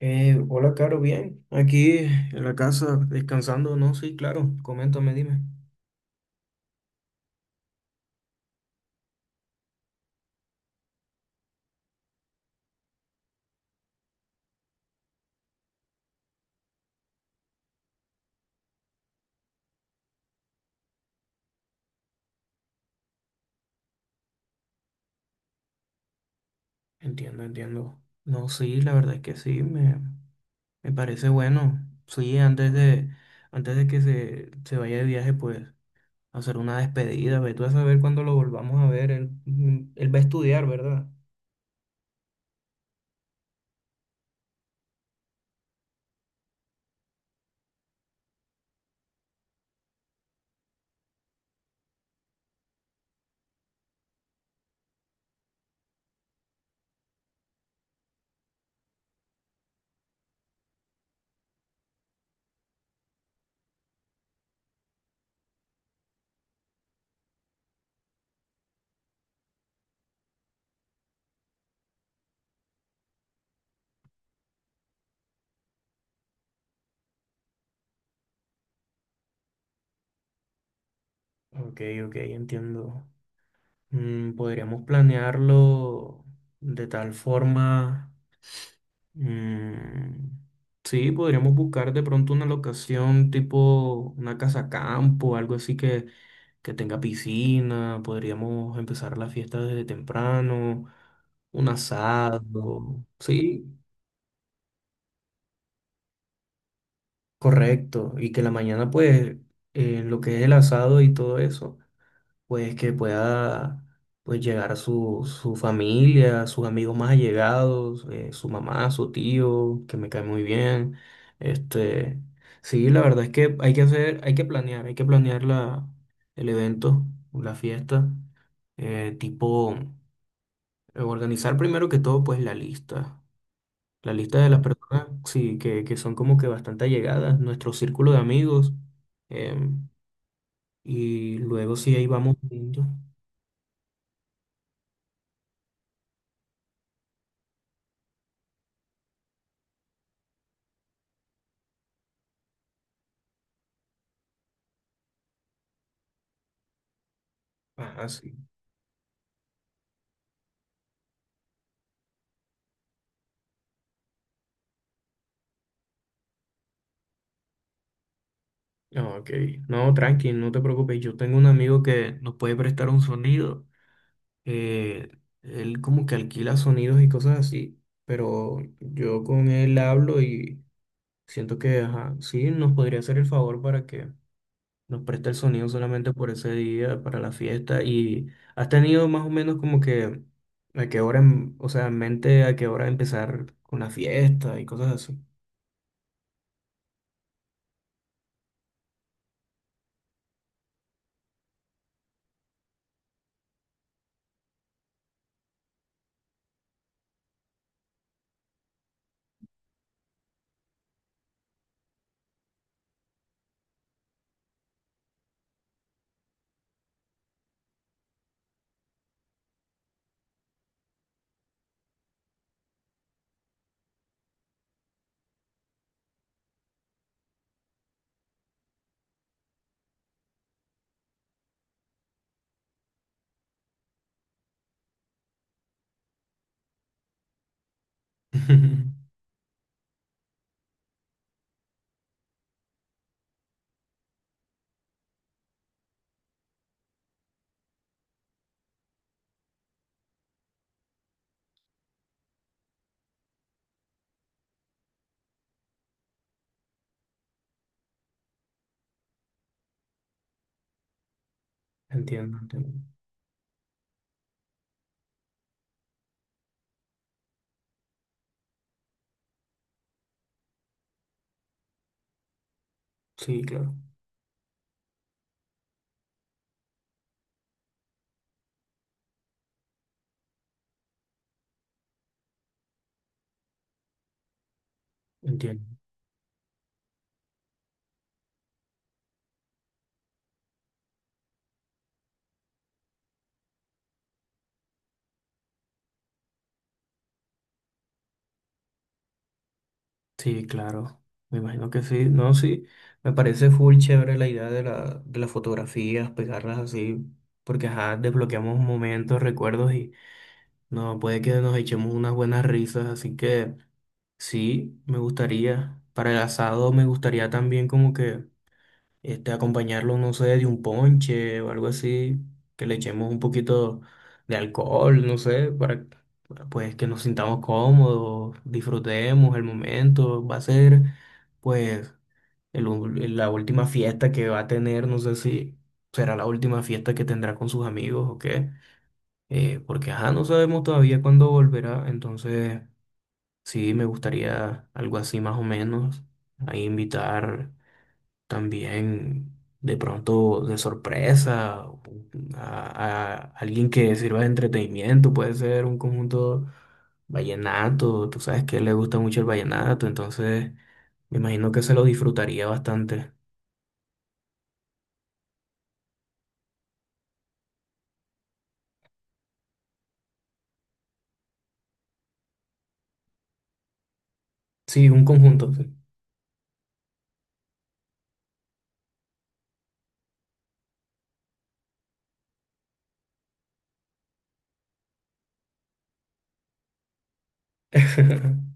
Hola, Caro, bien. Aquí en la casa descansando, no, sí, claro. Coméntame, dime. Entiendo, entiendo. No, sí, la verdad es que sí, me parece bueno. Sí, antes de que se vaya de viaje, pues hacer una despedida. Ve tú a saber cuándo lo volvamos a ver. Él, él va a estudiar, ¿verdad? Ok, ok, entiendo. Podríamos planearlo de tal forma. Mm, sí, podríamos buscar de pronto una locación tipo una casa campo, algo que tenga piscina. Podríamos empezar la fiesta desde temprano, un asado. Sí, correcto. Y que la mañana, pues, lo que es el asado y todo eso. Pues que pueda pues llegar a su familia, sus amigos más allegados, su mamá, su tío, que me cae muy bien. Este, sí, la verdad es que hay que hacer, hay que planear, el evento, la fiesta, eh, tipo, organizar primero que todo pues la lista. La lista de las personas, sí, que son como que bastante allegadas, nuestro círculo de amigos, em, y luego sí ahí vamos viendo. Ajá, sí. Ah, ok, no, tranqui, no te preocupes. Yo tengo un amigo que nos puede prestar un sonido. eh, Él como que alquila sonidos y cosas así, pero yo con él hablo y siento que, ajá, sí, nos podría hacer el favor para que nos preste el sonido solamente por ese día, para la fiesta. ¿Y has tenido más o menos como que a qué hora, o sea, en mente a qué hora empezar con la fiesta y cosas así? Entiendo, entiendo. Sí, claro, entiendo. Sí, claro, me imagino que sí, no, sí, me parece full chévere la idea de de las fotografías, pegarlas así, porque ajá, desbloqueamos momentos, recuerdos y no, puede que nos echemos unas buenas risas, así que sí, me gustaría, para el asado me gustaría también como que este, acompañarlo, no sé, de un ponche o algo así, que le echemos un poquito de alcohol, no sé, para pues que nos sintamos cómodos, disfrutemos el momento, va a ser pues la última fiesta que va a tener, no sé si será la última fiesta que tendrá con sus amigos o qué, porque ajá, no sabemos todavía cuándo volverá, entonces sí me gustaría algo así más o menos, a invitar. También de pronto de sorpresa, a alguien que sirva de entretenimiento, puede ser un conjunto vallenato, tú sabes que a él le gusta mucho el vallenato, entonces me imagino que se lo disfrutaría bastante. Sí, un conjunto. Sí.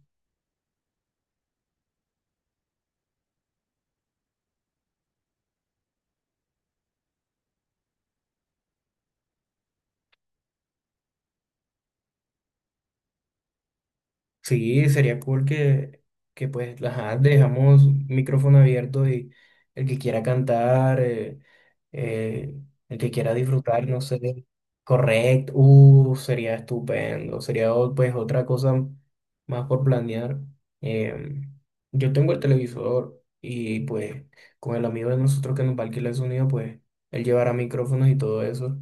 Sí, sería cool que pues ajá, dejamos micrófono abierto y el que quiera cantar, eh, el que quiera disfrutar, no sé, correcto, sería estupendo, pues otra cosa más por planear. Em, yo tengo el televisor y pues con el amigo de nosotros que nos va a alquilar el sonido, pues él llevará micrófonos y todo eso.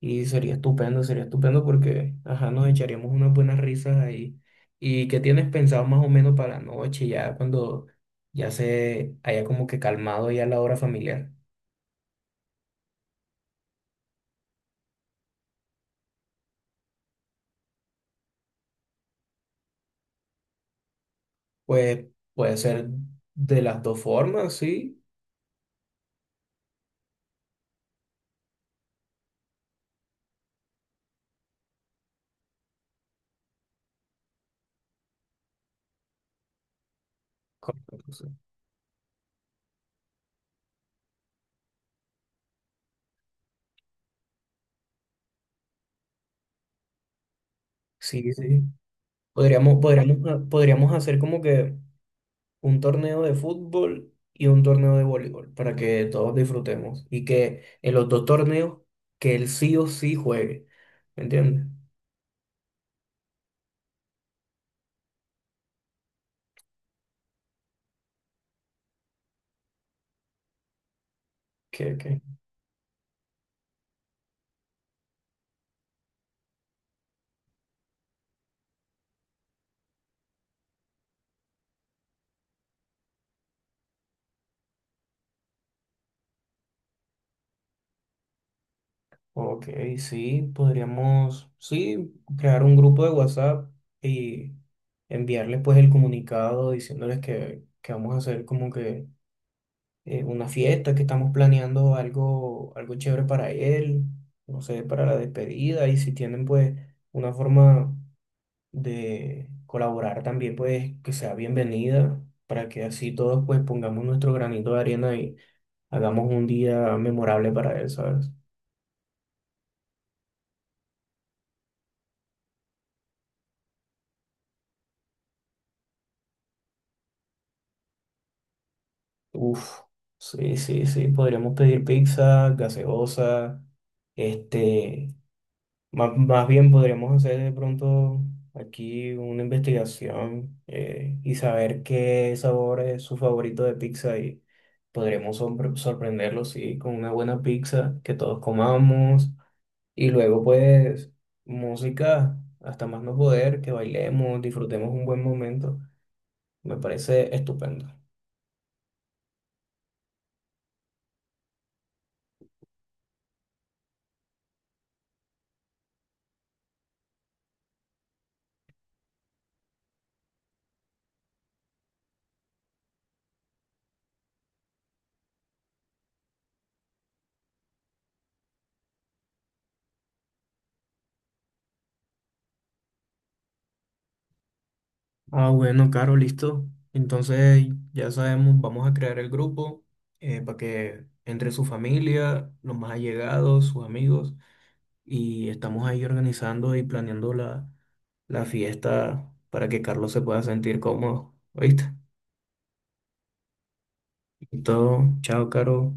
Y sería estupendo porque, ajá, nos echaríamos unas buenas risas ahí. ¿Y qué tienes pensado más o menos para la noche, ya cuando ya se haya como que calmado ya la hora familiar? Pues puede ser de las dos formas, sí. Como- sí, sí, sí. Podríamos, podríamos hacer como que un torneo de fútbol y un torneo de voleibol para que todos disfrutemos y que en los dos torneos que él sí o sí juegue. ¿Me entiendes? Que- ok, sí, podríamos, sí, crear un grupo de WhatsApp y enviarles pues el comunicado diciéndoles que vamos a hacer como que una fiesta, que estamos planeando algo, algo chévere para él, no sé, para la despedida y si tienen pues una forma de colaborar también pues que sea bienvenida para que así todos pues pongamos nuestro granito de arena y hagamos un día memorable para él, ¿sabes? Uf, sí, sí, sí, podríamos pedir pizza, gaseosa, este, más bien podríamos hacer de pronto aquí una investigación y saber qué sabor es su favorito de pizza y podremos sorprenderlo, sí, con una buena pizza que todos comamos y luego pues música, hasta más no poder, que bailemos, disfrutemos un buen momento, me parece estupendo. Ah, bueno, Caro, listo. Entonces ya sabemos, vamos a crear el grupo para que entre su familia, los más allegados, sus amigos, y estamos ahí organizando y planeando la fiesta para que Carlos se pueda sentir cómodo. ¿Oíste? Y todo. Chao, Caro.